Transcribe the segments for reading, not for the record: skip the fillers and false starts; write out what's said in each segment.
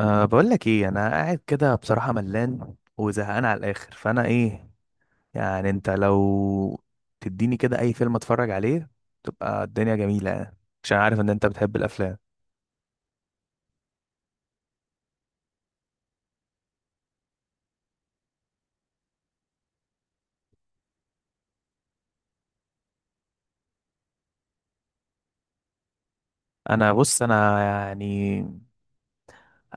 أه، بقول لك ايه، انا قاعد كده بصراحة ملان وزهقان على الاخر، فانا ايه يعني انت لو تديني كده اي فيلم اتفرج عليه تبقى الدنيا جميلة يعني، عشان عارف ان انت بتحب الافلام. بص انا يعني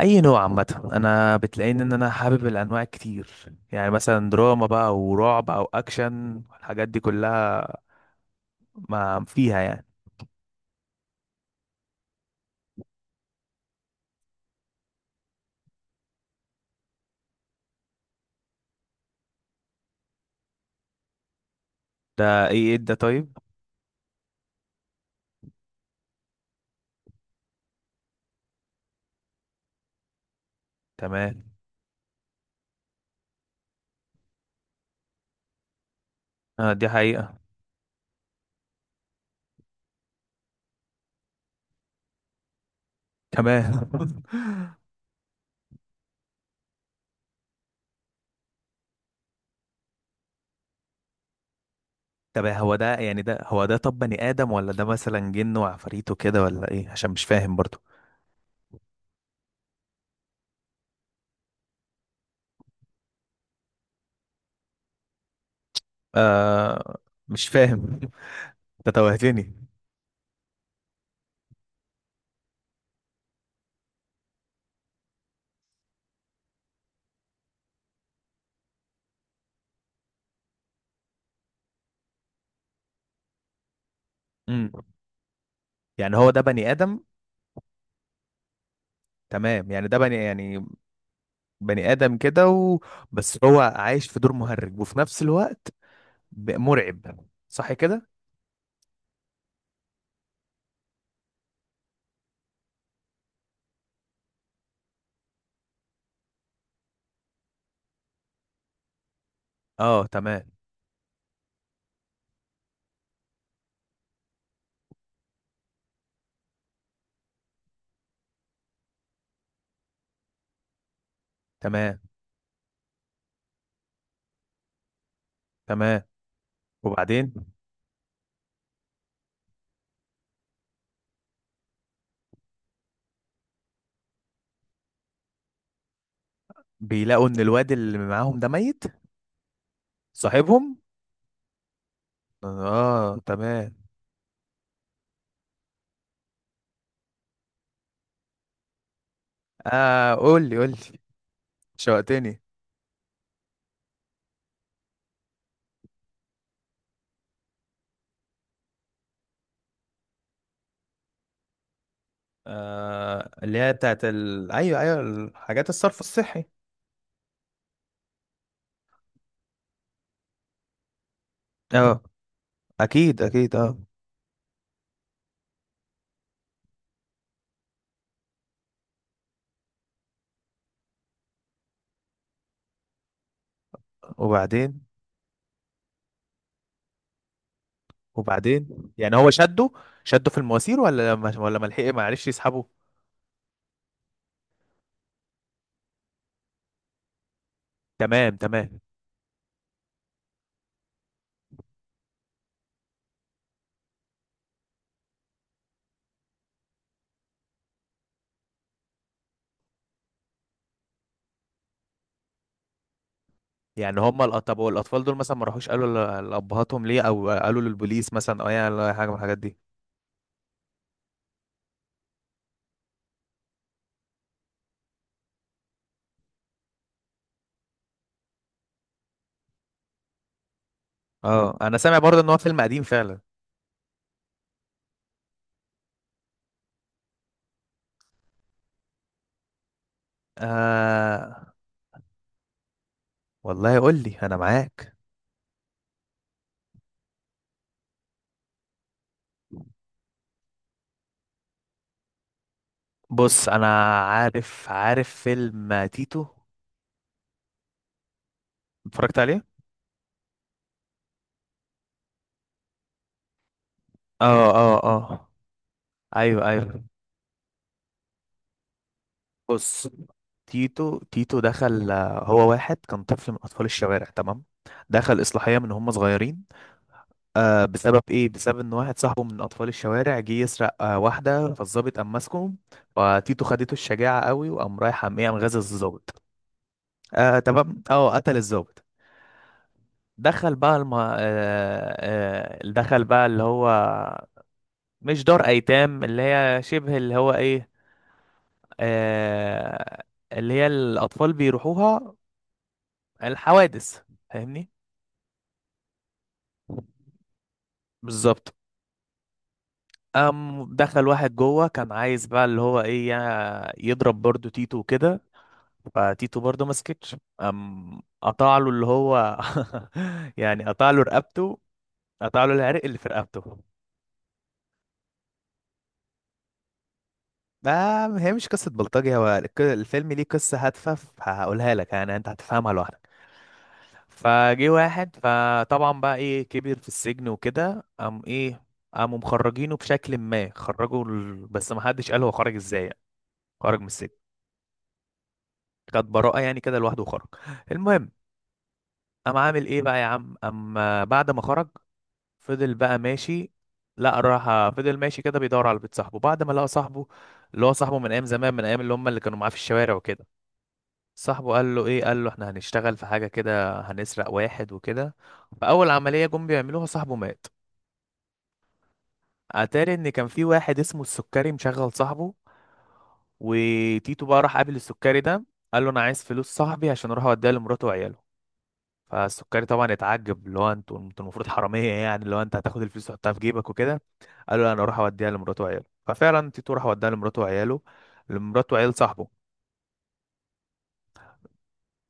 اي نوع عامة، انا بتلاقيني ان انا حابب الانواع كتير، يعني مثلا دراما بقى ورعب او اكشن، الحاجات دي كلها ما فيها يعني. ده ايه إيه ده طيب؟ تمام. آه دي حقيقة. تمام طب هو ده يعني، ده طب بني آدم ولا ده مثلا جن وعفاريت وكده، ولا ايه؟ عشان مش فاهم برضو. آه. مش فاهم انت توهتني. امم يعني هو ده بني آدم؟ تمام، يعني ده بني يعني بني آدم كده، و... بس هو عايش في دور مهرج وفي نفس الوقت مرعب، صح كده؟ اه تمام. تمام، تمام. وبعدين؟ بيلاقوا ان الواد اللي معاهم ده ميت؟ صاحبهم؟ اه تمام. اه قول لي، قول لي، شوقتني. آه اللي هي بتاعت ايوه ايوه، الحاجات الصرف الصحي. اه اكيد اكيد، اه. وبعدين؟ وبعدين يعني هو شده؟ شده في المواسير، ولا ما لحق، ما عرفش يسحبه؟ تمام تمام. يعني هم طب والاطفال دول مثلا ما راحوش قالوا لابهاتهم ليه، او قالوا للبوليس مثلا، او يعني أي حاجه من الحاجات دي؟ اه انا سامع برضه ان هو فيلم قديم فعلا. آه والله قول لي، انا معاك. بص انا عارف، عارف فيلم تيتو، اتفرجت عليه. اه اه اه. ايوه ايوه. بص، تيتو دخل آه، هو واحد كان طفل من اطفال الشوارع، تمام؟ دخل اصلاحيه من هم صغيرين، آه، بسبب ايه؟ بسبب ان واحد صاحبه من اطفال الشوارع جه يسرق آه واحده، فالظابط قام ماسكه، فتيتو خدته الشجاعه قوي وقام رايح قام ايه، قام غازل الظابط. آه تمام، اه قتل الظابط. دخل بقى اللي هو مش دار ايتام، اللي هي شبه اللي هو ايه، آه، اللي هي الأطفال بيروحوها، الحوادث، فاهمني. بالظبط. قام دخل واحد جوه كان عايز بقى اللي هو ايه يضرب برضو تيتو وكده، فتيتو برضو ما سكتش، قام قطع له اللي هو يعني قطع له رقبته، قطع له العرق اللي في رقبته. ده، هي مش قصة بلطجي، هو الفيلم ليه قصة هادفة، فهقولها لك، يعني انت هتفهمها لوحدك. فجه واحد، فطبعا بقى ايه، كبر في السجن وكده، قام ايه، قاموا مخرجينه بشكل ما، خرجوا بس ما حدش قال هو خرج ازاي يعني، خرج من السجن، خد براءة يعني كده لوحده وخرج. المهم، قام عامل ايه بقى يا عم اما بعد ما خرج، فضل بقى ماشي، لا راح فضل ماشي كده بيدور على بيت صاحبه، بعد ما لقى صاحبه اللي هو صاحبه من ايام زمان، من ايام اللي هم اللي كانوا معاه في الشوارع وكده. صاحبه قال له ايه، قال له احنا هنشتغل في حاجة كده، هنسرق واحد وكده. فاول عملية جم بيعملوها صاحبه مات. اتاري ان كان في واحد اسمه السكري مشغل صاحبه، وتيتو بقى راح قابل السكري ده، قال له انا عايز فلوس صاحبي عشان اروح اوديها لمراته وعياله. فالسكري طبعا اتعجب، اللي هو انتوا، انتوا المفروض حراميه يعني، اللي هو انت هتاخد الفلوس تحطها في جيبك وكده. قال له لا، انا اروح اوديها لمراته وعياله. ففعلا تيتو راح اوديها لمراته وعياله، لمراته وعيال صاحبه.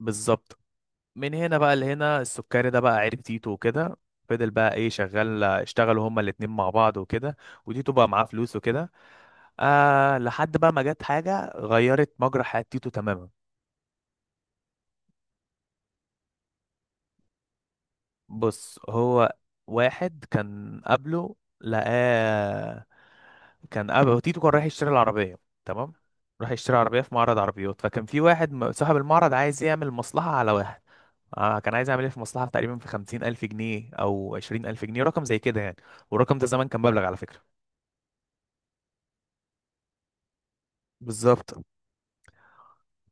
بالظبط. من هنا بقى لهنا السكري ده بقى عرف تيتو وكده، فضل بقى ايه شغال، اشتغلوا هما الاتنين مع بعض وكده، وتيتو بقى معاه فلوس وكده، آه لحد بقى ما جت حاجة غيرت مجرى حياة تيتو تماما. بص هو واحد كان قبله لقاه، كان قبله تيتو كان رايح يشتري العربية، تمام؟ راح يشتري عربية في معرض عربيات، فكان في واحد صاحب المعرض عايز يعمل مصلحة على واحد. آه كان عايز يعمل ايه في مصلحة تقريبا في 50,000 جنيه أو 20,000 جنيه، رقم زي كده يعني، والرقم ده زمان كان مبلغ على فكرة. بالظبط.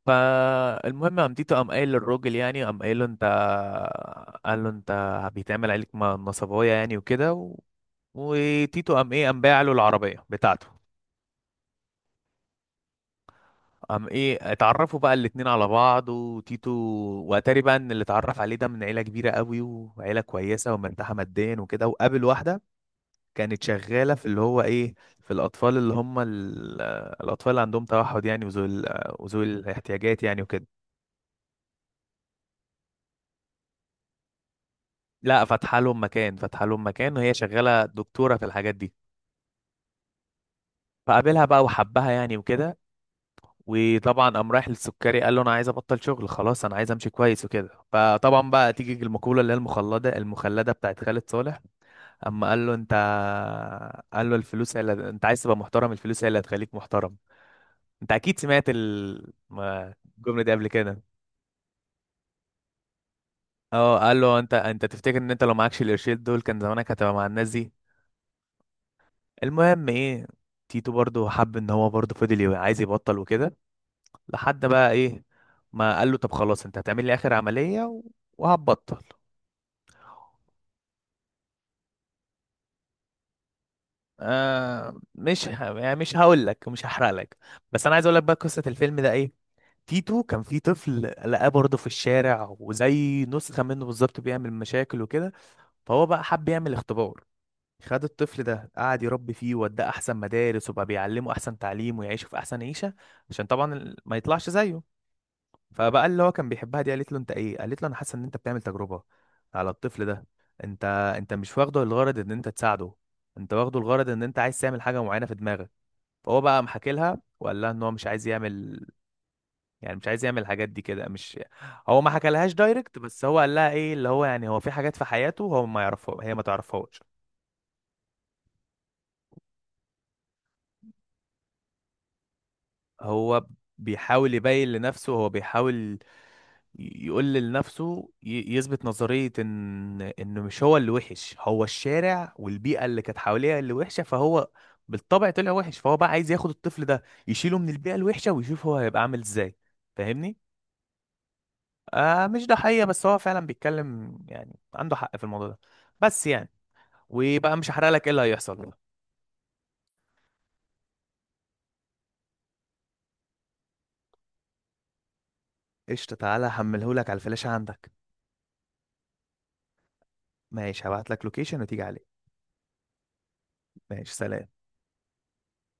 فالمهم قام تيتو قام قايل للراجل يعني، قام قايل له انت، قال له انت بيتعمل عليك نصبايا يعني وكده، وتيتو قام ايه، قام باع له العربيه بتاعته. قام ايه، اتعرفوا بقى الاتنين على بعض، وتيتو، واتاري بقى ان اللي اتعرف عليه ده من عيله كبيره قوي، وعيله كويسه ومرتاحه ماديا وكده، وقابل واحده كانت شغاله في اللي هو ايه، في الاطفال اللي هم الاطفال اللي عندهم توحد يعني، وذوي وذوي الاحتياجات يعني وكده. لا، فاتحه لهم مكان، فاتحه لهم مكان، وهي شغاله دكتوره في الحاجات دي. فقابلها بقى وحبها يعني وكده، وطبعا قام رايح للسكري قال له انا عايز ابطل شغل خلاص، انا عايز امشي كويس وكده. فطبعا بقى تيجي المقوله اللي هي المخلده بتاعت خالد صالح. اما قال له انت، قال له الفلوس هي اللي انت عايز تبقى محترم، الفلوس هي اللي هتخليك محترم. انت اكيد سمعت الجمله دي قبل كده. اه. قال له انت، انت تفتكر ان انت لو معكش القرشين دول كان زمانك هتبقى مع الناس دي. المهم ايه، تيتو برضه حب ان هو برضه فضل عايز يبطل وكده، لحد بقى ايه ما قال له طب خلاص، انت هتعمل لي اخر عملية و- وهتبطل. آه مش ه... يعني مش هقول لك، مش هحرق لك، بس انا عايز اقول لك بقى قصة الفيلم ده ايه. تيتو كان في طفل لقاه برضه في الشارع، وزي نسخة منه بالظبط، بيعمل مشاكل وكده، فهو بقى حب يعمل اختبار، خد الطفل ده قعد يربي فيه، ووداه احسن مدارس، وبقى بيعلمه احسن تعليم، ويعيشه في احسن عيشة، عشان طبعا ما يطلعش زيه. فبقى اللي هو كان بيحبها دي قالت له انت ايه، قالت له انا حاسه ان انت بتعمل تجربه على الطفل ده، انت انت مش واخده الغرض ان انت تساعده، انت واخده الغرض ان انت عايز تعمل حاجه معينه في دماغك. فهو بقى محكي لها وقال لها ان هو مش عايز يعمل، يعني مش عايز يعمل الحاجات دي كده، مش هو ما حكالهاش دايركت، بس هو قال لها ايه اللي هو يعني هو في حاجات في حياته هو ما يعرفها، هي ما تعرفهاش. هو بيحاول يبين لنفسه، هو بيحاول يقول لنفسه يثبت نظرية ان انه مش هو اللي وحش، هو الشارع والبيئة اللي كانت حواليه اللي وحشة، فهو بالطبع طلع وحش، فهو بقى عايز ياخد الطفل ده يشيله من البيئة الوحشة ويشوف هو هيبقى عامل ازاي، فاهمني؟ آه مش، ده حقيقة، بس هو فعلا بيتكلم، يعني عنده حق في الموضوع ده، بس يعني، وبقى مش هحرق لك ايه اللي هيحصل. قشطة، تعالى هحملهولك على الفلاشة عندك. ماشي، هبعت لك لوكيشن وتيجي عليه. ماشي سلام.